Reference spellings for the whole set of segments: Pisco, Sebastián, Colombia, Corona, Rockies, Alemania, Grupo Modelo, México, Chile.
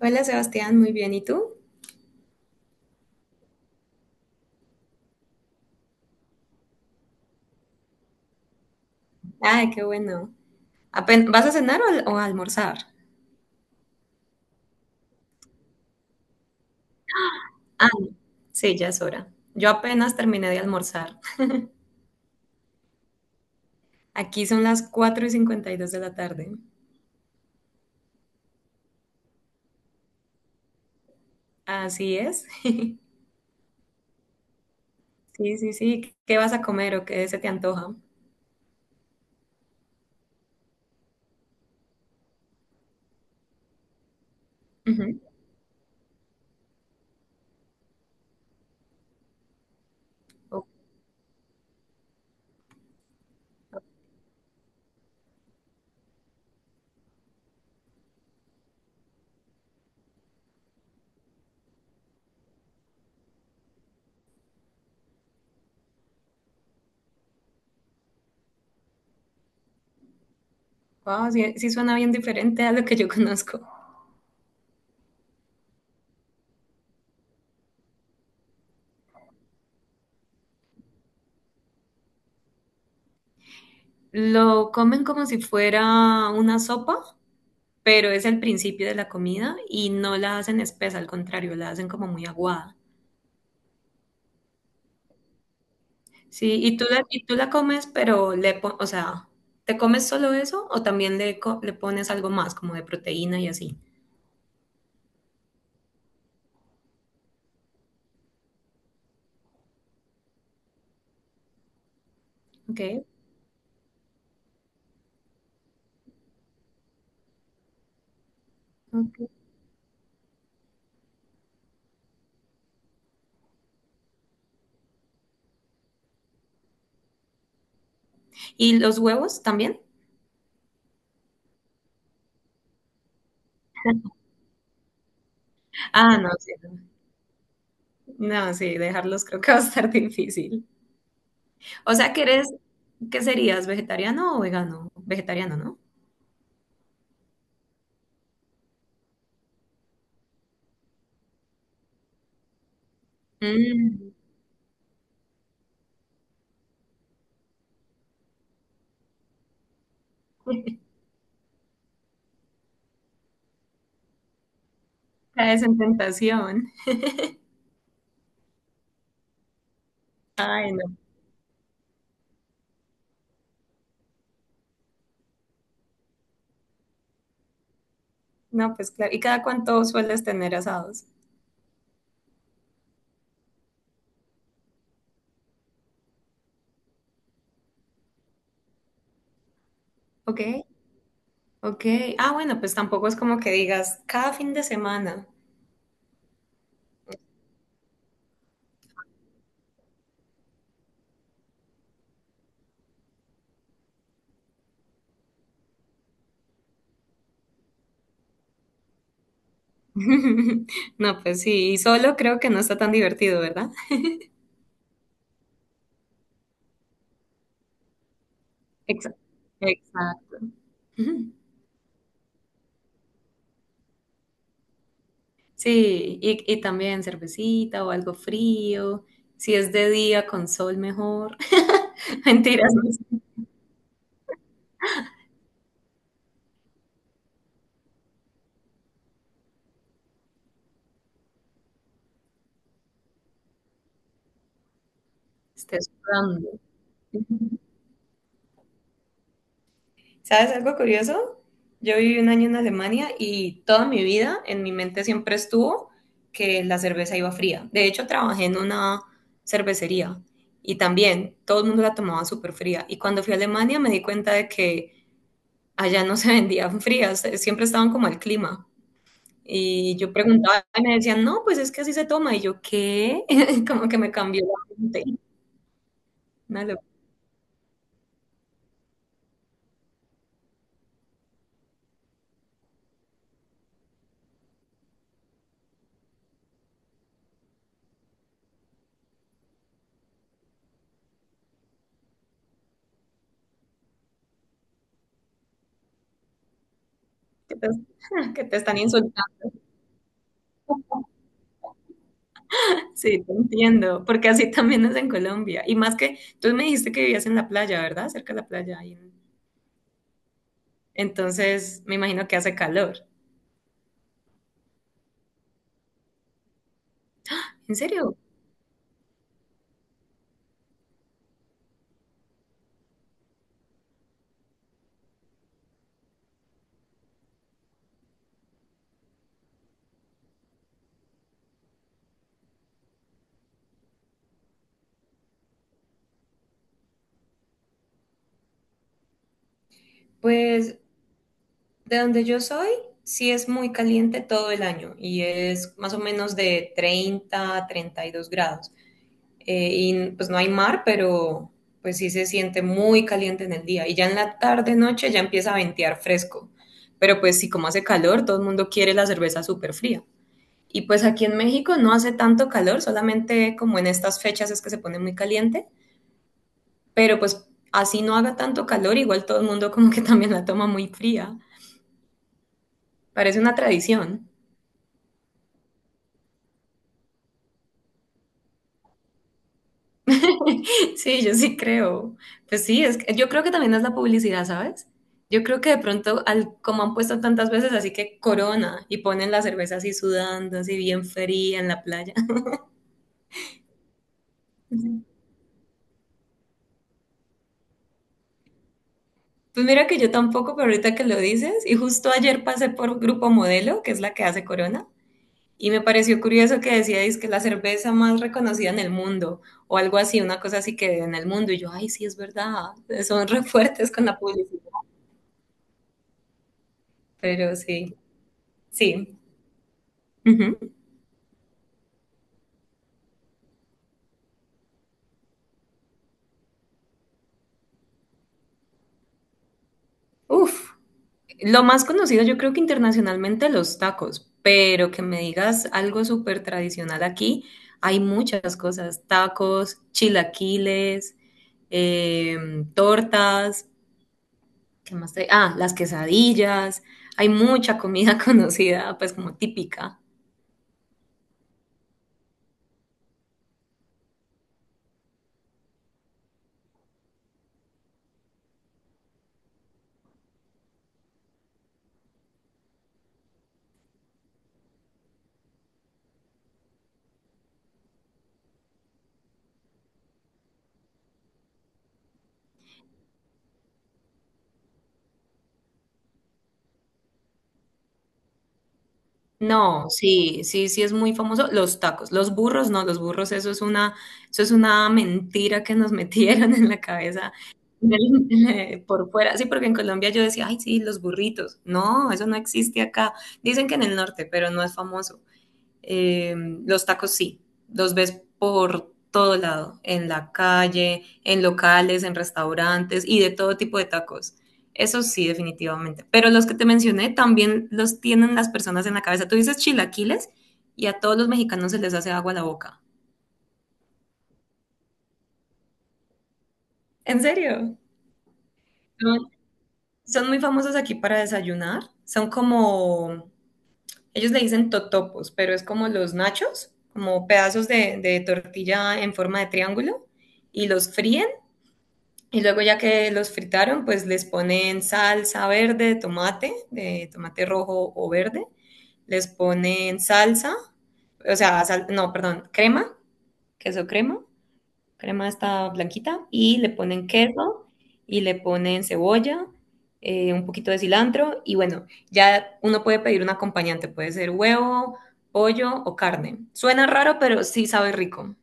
Hola Sebastián, muy bien. ¿Y tú? Ay, qué bueno. ¿Vas a cenar o a almorzar? Ah, sí, ya es hora. Yo apenas terminé de almorzar. Aquí son las 4:52 de la tarde. Así es. Sí, sí, sí. ¿Qué vas a comer o qué se te antoja? Ujú. Oh, wow, sí, sí suena bien diferente a lo que yo conozco. Lo comen como si fuera una sopa, pero es el principio de la comida y no la hacen espesa, al contrario, la hacen como muy aguada. Sí, y tú la comes, pero o sea, ¿te comes solo eso o también le pones algo más, como de proteína y así? Ok, ok. ¿Y los huevos también? Ah, no, sí, no, sí, dejarlos creo que va a estar difícil. O sea, que eres, ¿qué serías? ¿Vegetariano o vegano? Vegetariano, ¿no? Mm, caes en tentación. Ay, no, no, pues claro. ¿Y cada cuánto sueles tener asados? Ok, ok. Ah, bueno, pues tampoco es como que digas cada fin de semana. No, pues sí, y solo creo que no está tan divertido, ¿verdad? Exacto. Exacto. Ujú. Sí, y también cervecita o algo frío. Si es de día con sol, mejor. Mentiras, no sé, estés sudando. ¿Sabes algo curioso? Yo viví un año en Alemania y toda mi vida en mi mente siempre estuvo que la cerveza iba fría. De hecho, trabajé en una cervecería y también todo el mundo la tomaba súper fría. Y cuando fui a Alemania me di cuenta de que allá no se vendían frías, siempre estaban como al clima. Y yo preguntaba y me decían, no, pues es que así se toma. Y yo, ¿qué? Como que me cambió la mente. Una locura, que te, que te están insultando. Sí, te entiendo, porque así también es en Colombia. Y más que tú me dijiste que vivías en la playa, ¿verdad? Cerca de la playa. Entonces, me imagino que hace calor. ¿En serio? Pues de donde yo soy, sí es muy caliente todo el año y es más o menos de 30 a 32 grados. Y pues no hay mar, pero pues sí se siente muy caliente en el día. Y ya en la tarde, noche, ya empieza a ventear fresco. Pero pues sí, como hace calor, todo el mundo quiere la cerveza súper fría. Y pues aquí en México no hace tanto calor, solamente como en estas fechas es que se pone muy caliente, pero pues así no haga tanto calor, igual todo el mundo como que también la toma muy fría. Parece una tradición. Sí, yo sí creo. Pues sí, yo creo que también es la publicidad, ¿sabes? Yo creo que de pronto, como han puesto tantas veces, así que corona y ponen la cerveza así sudando, así bien fría en la playa. Ujú. Pues mira que yo tampoco, pero ahorita que lo dices, y justo ayer pasé por Grupo Modelo, que es la que hace corona, y me pareció curioso que decíais que la cerveza más reconocida en el mundo, o algo así, una cosa así que en el mundo. Y yo, ay, sí, es verdad, son re fuertes con la publicidad. Pero sí, sí. Ujú. Uf, lo más conocido yo creo que internacionalmente los tacos, pero que me digas algo súper tradicional aquí, hay muchas cosas, tacos, chilaquiles, em, tortas, ¿qué más trae? Ah, las quesadillas. Hay mucha comida conocida, pues como típica. No, sí, sí, sí es muy famoso. Los tacos, los burros, no, los burros, eso es una mentira que nos metieron en la cabeza por fuera. Sí, porque en Colombia yo decía, ay, sí, los burritos. No, eso no existe acá. Dicen que en el norte, pero no es famoso. Eh, los tacos sí, los ves por todo lado, en la calle, en locales, en restaurantes y de todo tipo de tacos. Eso sí, definitivamente. Pero los que te mencioné también los tienen las personas en la cabeza. Tú dices chilaquiles y a todos los mexicanos se les hace agua a la boca. ¿En serio? Son, son muy famosos aquí para desayunar. Son como, ellos le dicen totopos, pero es como los nachos, como pedazos de tortilla en forma de triángulo y los fríen. Y luego ya que los fritaron, pues les ponen salsa verde, tomate, de tomate rojo o verde. Les ponen salsa, o sea, no, perdón, crema, queso crema, crema esta blanquita. Y le ponen queso y le ponen cebolla, un poquito de cilantro. Y bueno, ya uno puede pedir un acompañante, puede ser huevo, pollo o carne. Suena raro, pero sí sabe rico.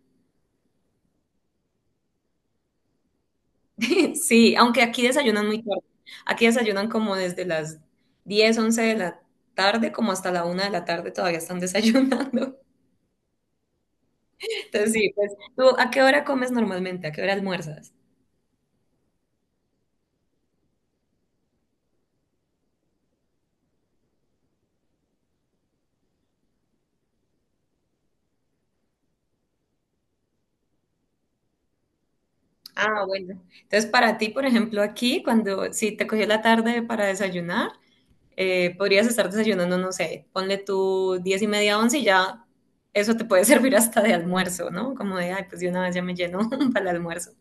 Sí, aunque aquí desayunan muy tarde. Aquí desayunan como desde las 10, 11 de la tarde, como hasta la una de la tarde todavía están desayunando. Entonces, sí, pues, ¿tú a qué hora comes normalmente? ¿A qué hora almuerzas? Ah, bueno. Entonces, para ti, por ejemplo, aquí, cuando si te cogió la tarde para desayunar, podrías estar desayunando, no sé, ponle tú 10:30, 11 y ya eso te puede servir hasta de almuerzo, ¿no? Como de, ay, pues de una vez ya me lleno para el almuerzo.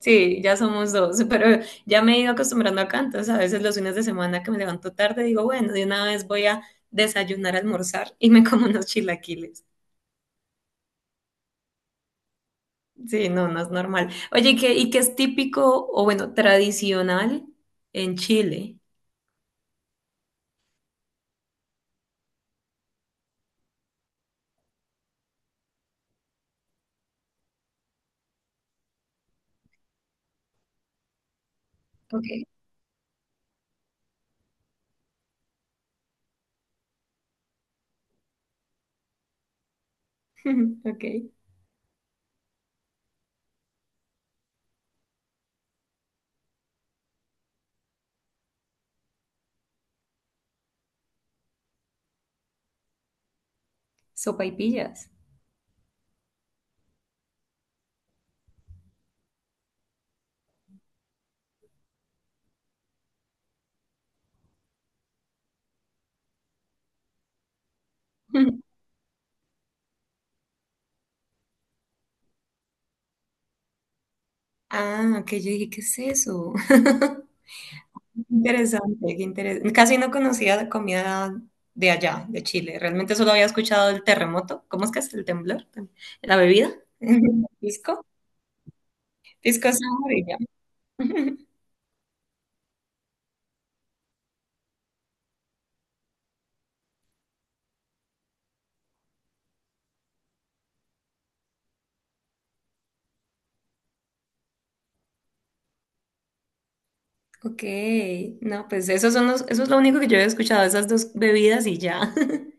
Sí, ya somos dos, pero ya me he ido acostumbrando acá, entonces a veces los fines de semana que me levanto tarde digo, bueno, de una vez voy a desayunar, almorzar y me como unos chilaquiles. Sí, no, no es normal. Oye, y qué es típico o bueno, tradicional en Chile? Ok, ok, sopaipillas. Ah, que yo dije, ¿qué es eso? Interesante, qué interesante. Casi no conocía la comida de allá, de Chile. Realmente solo había escuchado el terremoto. ¿Cómo es que es el temblor? La bebida. Pisco. Pisco sour y ya. Ok, no, pues esos son los, eso es lo único que yo he escuchado, esas dos bebidas y ya.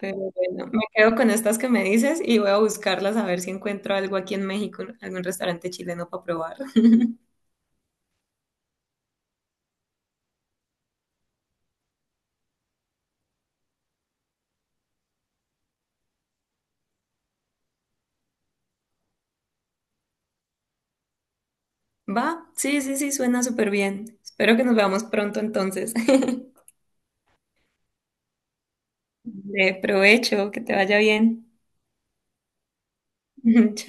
Pero bueno, me quedo con estas que me dices y voy a buscarlas a ver si encuentro algo aquí en México, algún restaurante chileno para probar. Va, sí, sí, sí, suena súper bien. Espero que nos veamos pronto entonces. De provecho, que te vaya bien.